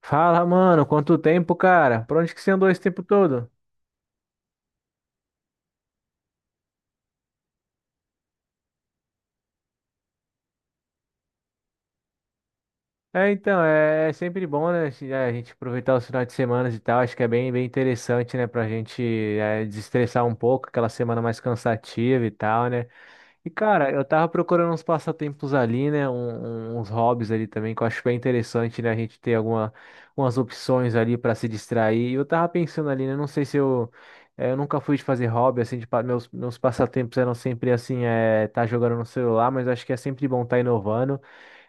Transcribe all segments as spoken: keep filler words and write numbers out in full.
Fala, mano, quanto tempo, cara? Por onde que você andou esse tempo todo? É, então, é, é sempre bom, né, se- é, a gente aproveitar os finais de semana e tal, acho que é bem, bem interessante, né, pra gente é, desestressar um pouco, aquela semana mais cansativa e tal, né? E cara, eu tava procurando uns passatempos ali, né? Um- um- uns hobbies ali também, que eu acho bem interessante, né? A gente ter alguma, algumas opções ali pra se distrair. E eu tava pensando ali, né? Não sei se eu. Eh, Eu nunca fui de fazer hobby, assim, de, pa- meus, meus passatempos eram sempre assim, é, tá jogando no celular, mas acho que é sempre bom tá inovando.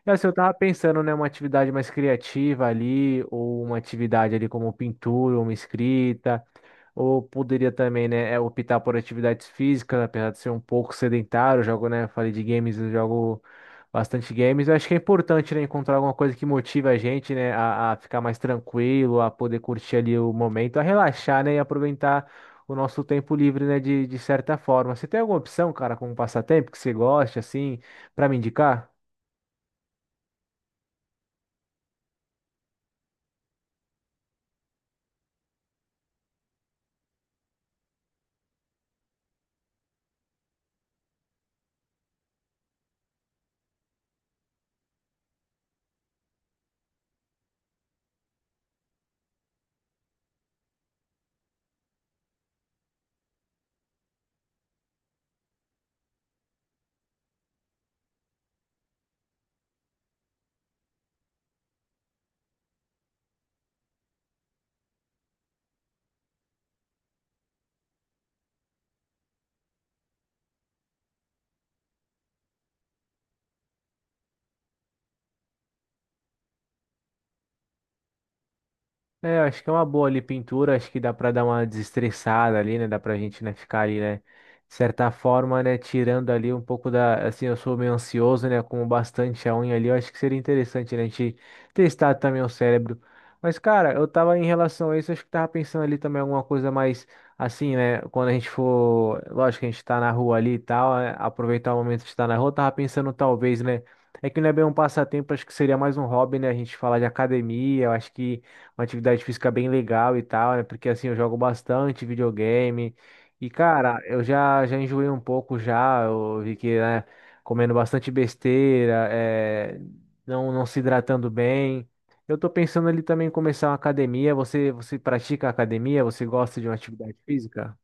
E assim, eu tava pensando, né? Uma atividade mais criativa ali, ou uma atividade ali como pintura, uma escrita. Ou poderia também, né, é, optar por atividades físicas, apesar de ser um pouco sedentário, eu jogo, né, falei de games, eu jogo bastante games. Eu acho que é importante, né, encontrar alguma coisa que motive a gente, né, a, a ficar mais tranquilo, a poder curtir ali o momento, a relaxar, né, e aproveitar o nosso tempo livre, né, de, de certa forma. Você tem alguma opção, cara, como passatempo que você goste, assim, para me indicar? É, acho que é uma boa ali pintura, acho que dá para dar uma desestressada ali, né? Dá pra gente, né, ficar ali, né, de certa forma, né, tirando ali um pouco da, assim, eu sou meio ansioso, né, com bastante a unha ali, eu acho que seria interessante, né, a gente testar também o cérebro. Mas, cara, eu tava em relação a isso, acho que tava pensando ali também alguma coisa mais, assim, né, quando a gente for, lógico que a gente tá na rua ali e tal, né, aproveitar o momento de estar na rua, eu tava pensando talvez, né, é que não é bem um passatempo, acho que seria mais um hobby, né, a gente falar de academia, eu acho que uma atividade física bem legal e tal, né? Porque assim, eu jogo bastante videogame. E, cara, eu já, já enjoei um pouco já. Eu vi que, né, comendo bastante besteira, é, não, não se hidratando bem. Eu tô pensando ali também em começar uma academia. Você, você pratica academia? Você gosta de uma atividade física?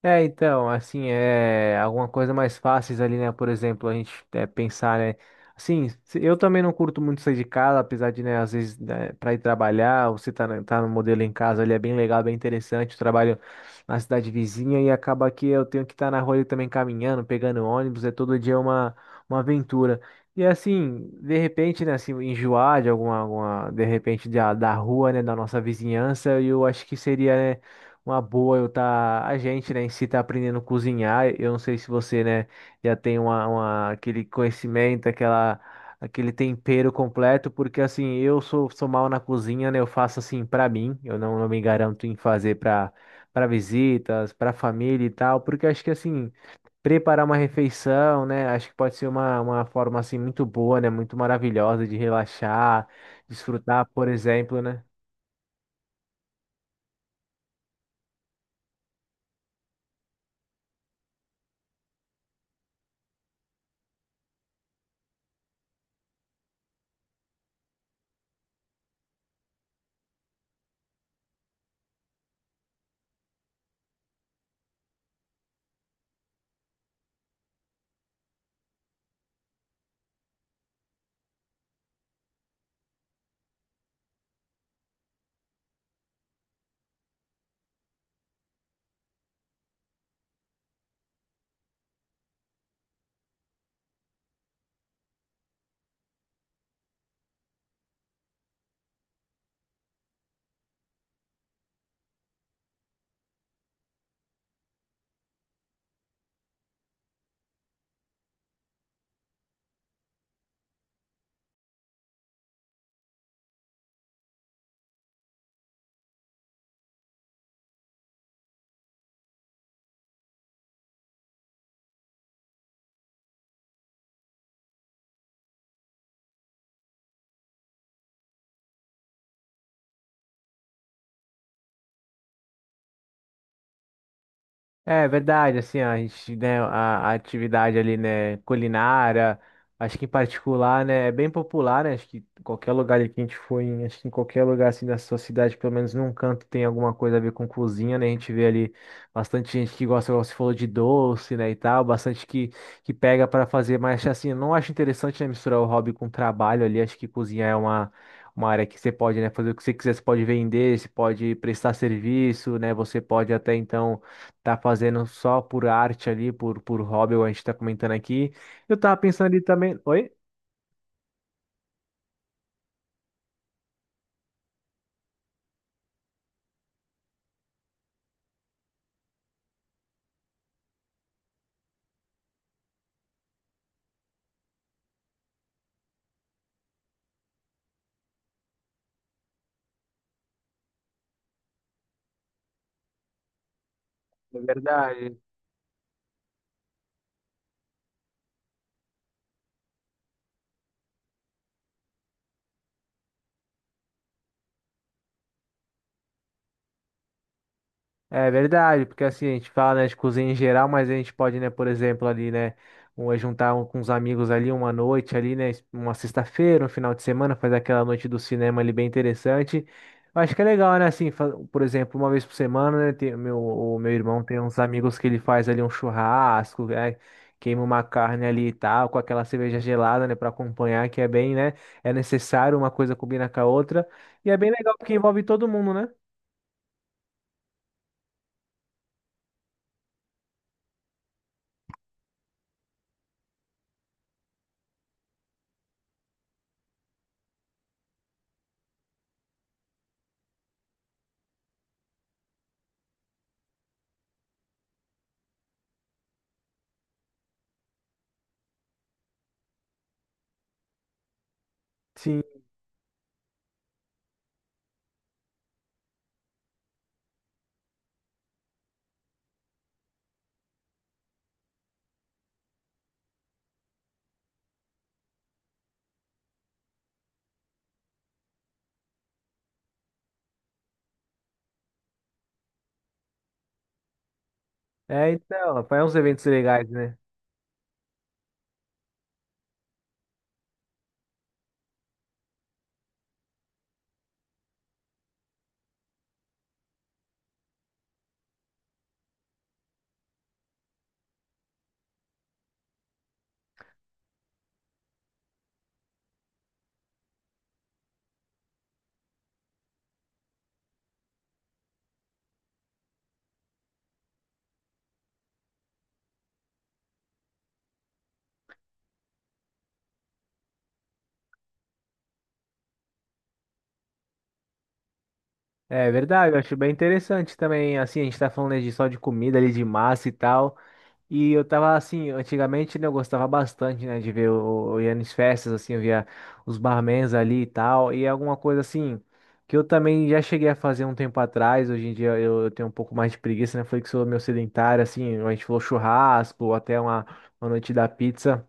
É, então, assim, é alguma coisa mais fáceis ali, né? Por exemplo, a gente é, pensar, né? Assim, se- eu também não curto muito sair de casa, apesar de, né, às vezes, né, para ir trabalhar, você tá, na- tá no modelo em casa, ele é bem legal, bem interessante. Eu trabalho na cidade vizinha e acaba que eu tenho que estar na rua ali também caminhando, pegando ônibus, é todo dia uma, uma aventura. E assim, de repente, né, assim, enjoar de alguma, alguma, de repente, da, da rua, né, da nossa vizinhança, eu acho que seria, né? Uma boa eu tá, a gente, né, em si tá aprendendo a cozinhar. Eu não sei se você, né, já tem uma, uma- aquele conhecimento, aquela, aquele tempero completo, porque assim, eu sou, sou mal na cozinha, né? Eu faço assim pra mim, eu não, não me garanto em fazer pra para visitas, pra família e tal, porque acho que assim, preparar uma refeição, né, acho que pode ser uma, uma forma assim muito boa, né, muito maravilhosa de relaxar, desfrutar, por exemplo, né? É verdade, assim, a gente, né, a, a atividade ali, né, culinária, acho que em particular, né, é bem popular, né, acho que qualquer lugar ali que a gente for, em, acho que em qualquer lugar, assim, da sua cidade, pelo menos num canto tem alguma coisa a ver com cozinha, né, a gente vê ali bastante gente que gosta, igual você falou, de doce, né, e tal, bastante que, que pega para fazer, mas, assim, eu não acho interessante, né, misturar o hobby com o trabalho ali, acho que cozinha é uma... Uma área que você pode, né, fazer o que você quiser, você pode vender, você pode prestar serviço, né? Você pode até então tá fazendo só por arte ali, por, por hobby, igual a gente tá comentando aqui. Eu tava pensando ali também. Oi? É verdade. É verdade, porque assim, a gente fala, né, de cozinha em geral, mas a gente pode, né, por exemplo, ali, né, um, é juntar um- com os amigos ali uma noite ali, né, uma sexta-feira, um final de semana, fazer aquela noite do cinema ali bem interessante. Eu acho que é legal, né, assim, fa- por exemplo, uma vez por semana, né, tem, o meu, o meu irmão tem uns amigos que ele faz ali um churrasco, né, queima uma carne ali e tal, com aquela cerveja gelada, né, para acompanhar, que é bem, né, é necessário, uma coisa combina com a outra, e é bem legal porque envolve todo mundo, né? Sim. É, então, faz uns eventos legais, né? É verdade, eu acho bem interessante também, assim, a gente tá falando né, de só de comida ali, de massa e tal, e eu tava assim, antigamente, né, eu gostava bastante, né, de ver, o, eu ia nas festas, assim, eu via os barmans ali e tal, e é alguma coisa assim, que eu também já cheguei a fazer um tempo atrás, hoje em dia eu, eu tenho um pouco mais de preguiça, né, foi que sou meu sedentário, assim, a gente falou churrasco, ou até uma, uma noite da pizza,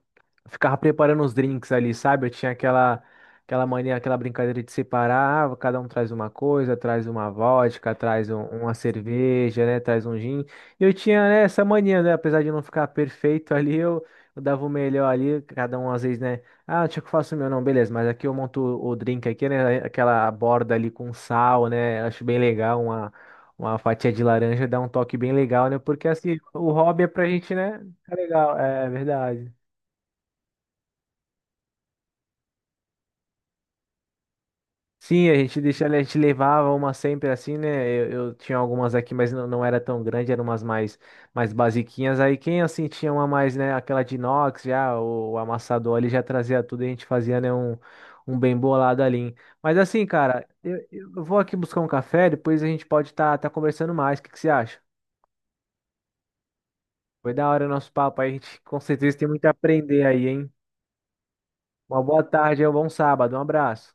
ficava preparando os drinks ali, sabe? Eu tinha aquela aquela mania, aquela brincadeira de separar, ah, cada um traz uma coisa, traz uma vodka, traz um- uma cerveja, né, traz um gin. E eu tinha, né, essa mania, né, apesar de não ficar perfeito ali, eu, eu dava o melhor ali, cada um às vezes, né, ah, deixa que eu faço o meu, não, beleza, mas aqui eu monto o drink aqui, né, aquela borda ali com sal, né, acho bem legal uma Uma fatia de laranja dá um toque bem legal, né? Porque assim, o hobby é pra gente, né? É legal, é verdade. Sim, a gente deixa, a gente levava uma sempre assim, né? Eu, eu tinha algumas aqui, mas não, não era tão grande, eram umas mais, mais basiquinhas. Aí quem assim tinha uma mais, né? Aquela de inox já, o, o amassador ali já trazia tudo e a gente fazia, né? Um, um bem bolado ali. Mas assim, cara, eu, eu vou aqui buscar um café, depois a gente pode estar tá, tá conversando mais. O que que você acha? Foi da hora o nosso papo aí, a gente com certeza tem muito a aprender aí, hein? Uma boa tarde, é um bom sábado, um abraço.